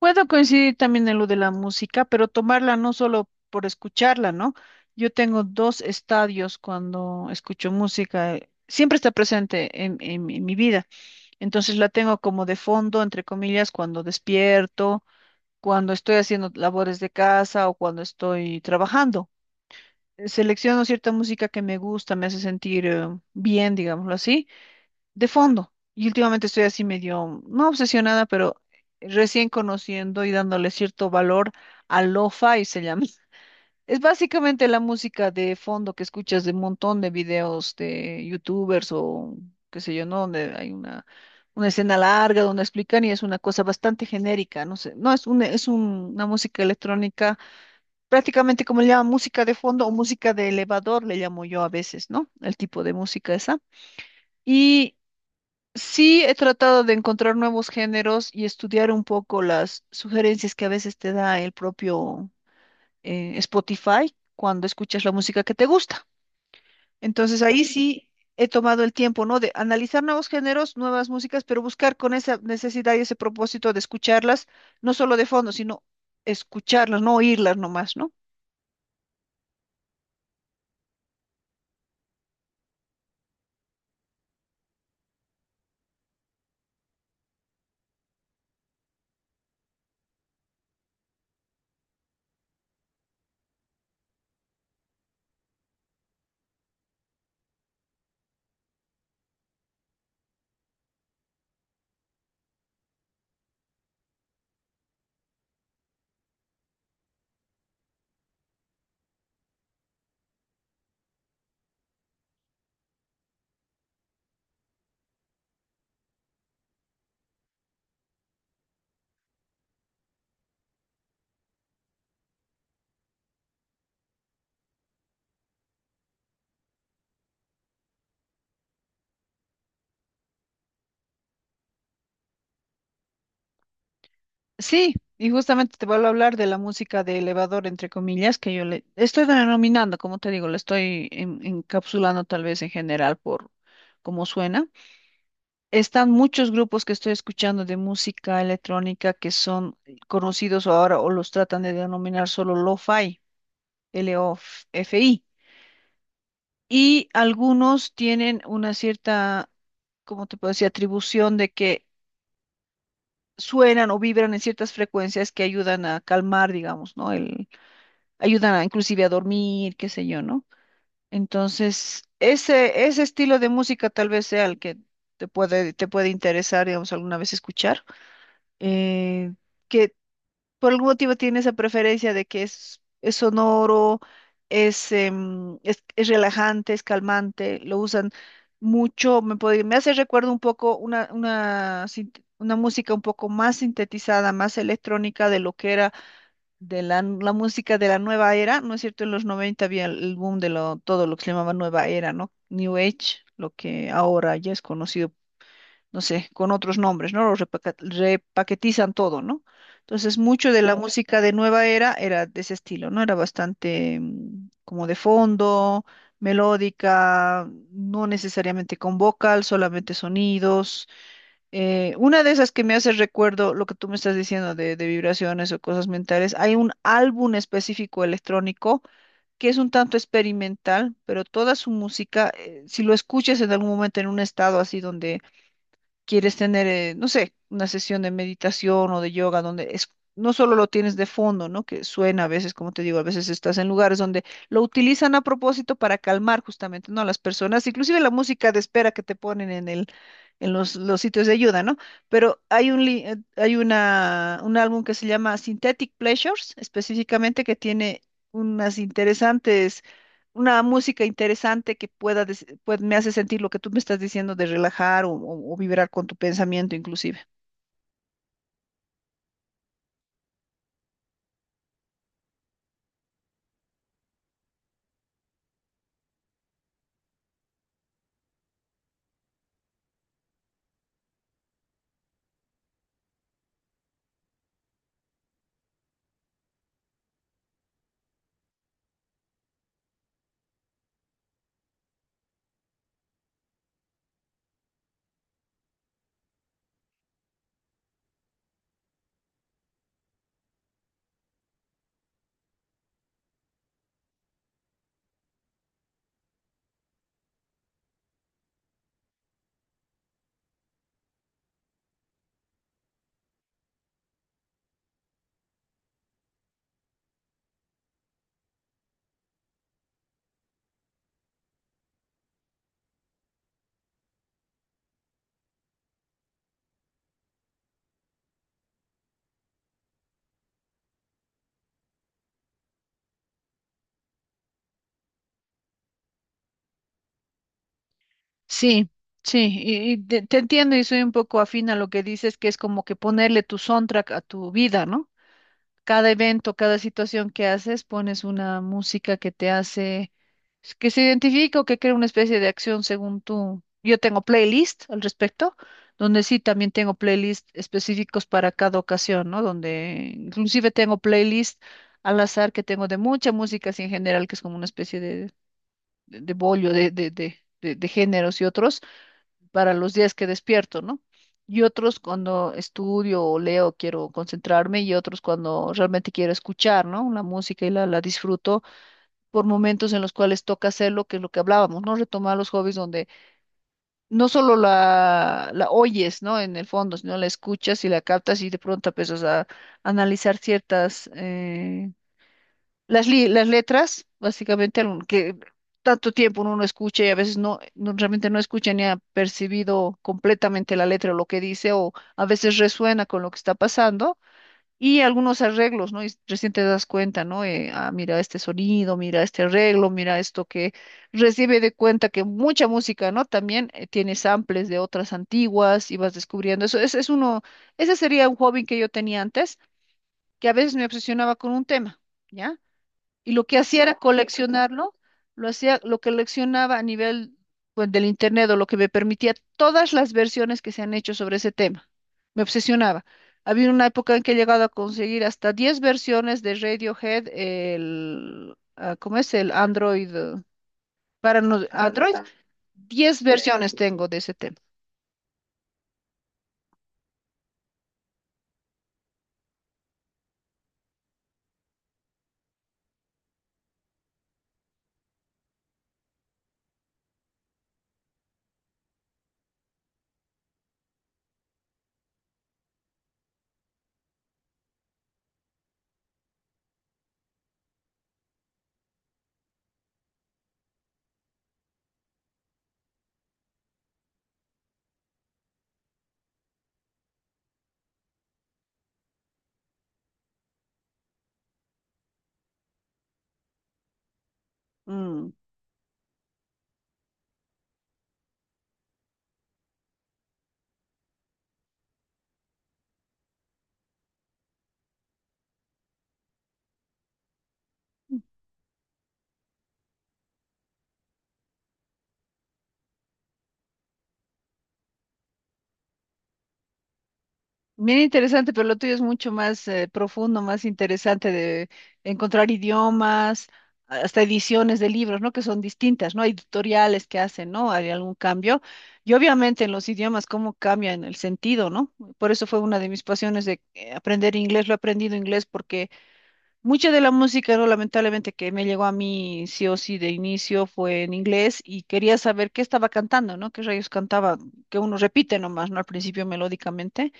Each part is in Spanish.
Puedo coincidir también en lo de la música, pero tomarla no solo por escucharla, ¿no? Yo tengo dos estadios cuando escucho música, siempre está presente en mi vida, entonces la tengo como de fondo, entre comillas, cuando despierto, cuando estoy haciendo labores de casa o cuando estoy trabajando. Selecciono cierta música que me gusta, me hace sentir bien, digámoslo así de fondo. Y últimamente estoy así medio, no obsesionada, pero recién conociendo y dándole cierto valor a lo-fi, se llama. Es básicamente la música de fondo que escuchas de un montón de videos de youtubers o qué sé yo, ¿no? Donde hay una escena larga donde explican y es una cosa bastante genérica, no sé, no es un, es un- una música electrónica, prácticamente como le llaman música de fondo o música de elevador, le llamo yo a veces, ¿no? El tipo de música esa. Y Sí, he tratado de encontrar nuevos géneros y estudiar un poco las sugerencias que a veces te da el propio Spotify cuando escuchas la música que te gusta. Entonces ahí sí he tomado el tiempo, ¿no? De analizar nuevos géneros, nuevas músicas, pero buscar con esa necesidad y ese propósito de escucharlas, no solo de fondo, sino escucharlas, no oírlas nomás, ¿no? Sí, y justamente te vuelvo a hablar de la música de elevador, entre comillas, que yo le estoy denominando, como te digo, encapsulando tal vez en general por cómo suena. Están muchos grupos que estoy escuchando de música electrónica que son conocidos ahora o los tratan de denominar solo lo-fi, LOFI, y algunos tienen una cierta, como te puedo decir, atribución de que suenan o vibran en ciertas frecuencias que ayudan a calmar, digamos, ¿no? Inclusive a dormir, qué sé yo, ¿no? Entonces, ese estilo de música tal vez sea el que te puede interesar, digamos, alguna vez escuchar. Eh, que Por algún motivo tiene esa preferencia de que es sonoro, es, es relajante, es calmante, lo usan mucho, me hace recuerdo un poco una música un poco más sintetizada, más electrónica de lo que era de la música de la nueva era, ¿no es cierto? En los 90 había el boom de lo, todo lo que se llamaba nueva era, ¿no? New Age, lo que ahora ya es conocido, no sé, con otros nombres, ¿no? Repaquetizan todo, ¿no? Entonces, mucho de la, claro, música de nueva era era de ese estilo, ¿no? Era bastante como de fondo, melódica, no necesariamente con vocal, solamente sonidos una de esas que me hace recuerdo lo que tú me estás diciendo de vibraciones o cosas mentales. Hay un álbum específico electrónico que es un tanto experimental, pero toda su música, si lo escuchas en algún momento en un estado así donde quieres tener, no sé, una sesión de meditación o de yoga donde es, no solo lo tienes de fondo, ¿no? Que suena a veces, como te digo, a veces estás en lugares donde lo utilizan a propósito para calmar justamente, ¿no? A las personas, inclusive la música de espera que te ponen en los sitios de ayuda, ¿no? Pero hay una, un álbum que se llama Synthetic Pleasures, específicamente que tiene unas interesantes una música interesante que pueda, me hace sentir lo que tú me estás diciendo de relajar o, o vibrar con tu pensamiento inclusive. Sí, sí, y te entiendo y soy un poco afín a lo que dices, que es como que ponerle tu soundtrack a tu vida, ¿no? Cada evento, cada situación que haces, pones una música que te hace, que se identifica o que crea una especie de acción según tú. Yo tengo playlist al respecto, donde sí también tengo playlist específicos para cada ocasión, ¿no? Donde inclusive tengo playlist al azar que tengo de mucha música así en general, que es como una especie de, de bollo de géneros y otros para los días que despierto, ¿no? Y otros cuando estudio o leo quiero concentrarme y otros cuando realmente quiero escuchar, ¿no? La música y la disfruto por momentos en los cuales toca hacerlo, que es lo que hablábamos, ¿no? Retomar los hobbies donde no solo la oyes, ¿no? En el fondo, sino la escuchas y la captas y de pronto empiezas a analizar ciertas las letras, básicamente, que tanto tiempo uno no escucha y a veces realmente no escucha ni ha percibido completamente la letra o lo que dice, o a veces resuena con lo que está pasando, y algunos arreglos, ¿no? Y recién te das cuenta, ¿no? Ah, mira este sonido, mira este arreglo, mira esto que recibe de cuenta que mucha música, ¿no? También tiene samples de otras antiguas y vas descubriendo eso. Ese es uno, ese sería un hobby que yo tenía antes, que a veces me obsesionaba con un tema. ¿Ya? Y lo que hacía era coleccionarlo, lo hacía, lo coleccionaba a nivel pues, del internet o lo que me permitía todas las versiones que se han hecho sobre ese tema. Me obsesionaba. Había una época en que he llegado a conseguir hasta 10 versiones de Radiohead, ah, ¿cómo es? El Android, para no- Android, 10 versiones tengo de ese tema. Mm. Bien interesante, pero lo tuyo es mucho más profundo, más interesante de encontrar idiomas, hasta ediciones de libros, ¿no? Que son distintas, ¿no? Hay editoriales que hacen, ¿no? Hay algún cambio. Y obviamente en los idiomas, cómo cambian el sentido, ¿no? Por eso fue una de mis pasiones de aprender inglés. Lo he aprendido inglés porque mucha de la música, ¿no? Lamentablemente que me llegó a mí sí o sí de inicio fue en inglés y quería saber qué estaba cantando, ¿no? Qué rayos cantaba, que uno repite nomás, ¿no? Al principio melódicamente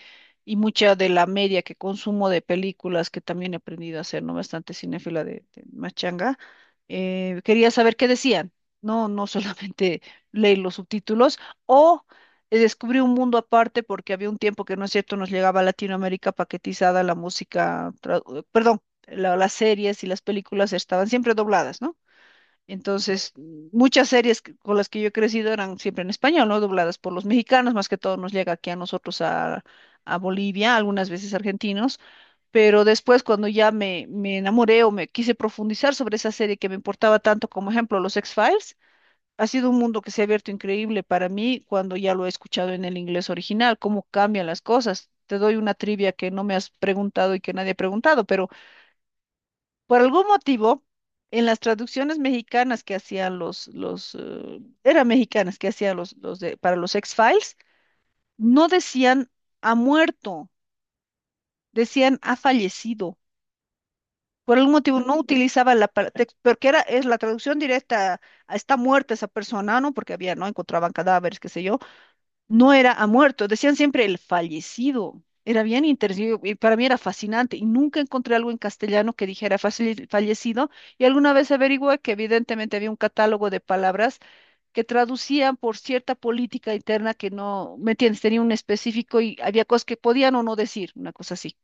y mucha de la media que consumo de películas que también he aprendido a hacer, ¿no? Bastante cinéfila de machanga. Quería saber qué decían, no, no solamente leer los subtítulos o descubrí un mundo aparte porque había un tiempo que, no es cierto, nos llegaba a Latinoamérica paquetizada la música, perdón, las series y las películas estaban siempre dobladas, ¿no? Entonces, muchas series con las que yo he crecido eran siempre en español, ¿no? Dobladas por los mexicanos, más que todo nos llega aquí a nosotros a Bolivia, algunas veces argentinos, pero después cuando ya me enamoré o me quise profundizar sobre esa serie que me importaba tanto, como ejemplo los X-Files, ha sido un mundo que se ha abierto increíble para mí cuando ya lo he escuchado en el inglés original, cómo cambian las cosas. Te doy una trivia que no me has preguntado y que nadie ha preguntado, pero por algún motivo, en las traducciones mexicanas que hacían los eran mexicanas que hacían los de, para los X-Files, no decían ha muerto, decían ha fallecido. Por algún motivo no utilizaba la porque era, es la traducción directa, a está muerta esa persona, ¿no? Porque había, ¿no? Encontraban cadáveres, qué sé yo, no era ha muerto, decían siempre el fallecido. Era bien interesante, y para mí era fascinante, y nunca encontré algo en castellano que dijera fallecido, y alguna vez averigüé que evidentemente había un catálogo de palabras que traducían por cierta política interna que no, ¿me entiendes? Tenía un específico y había cosas que podían o no decir, una cosa así.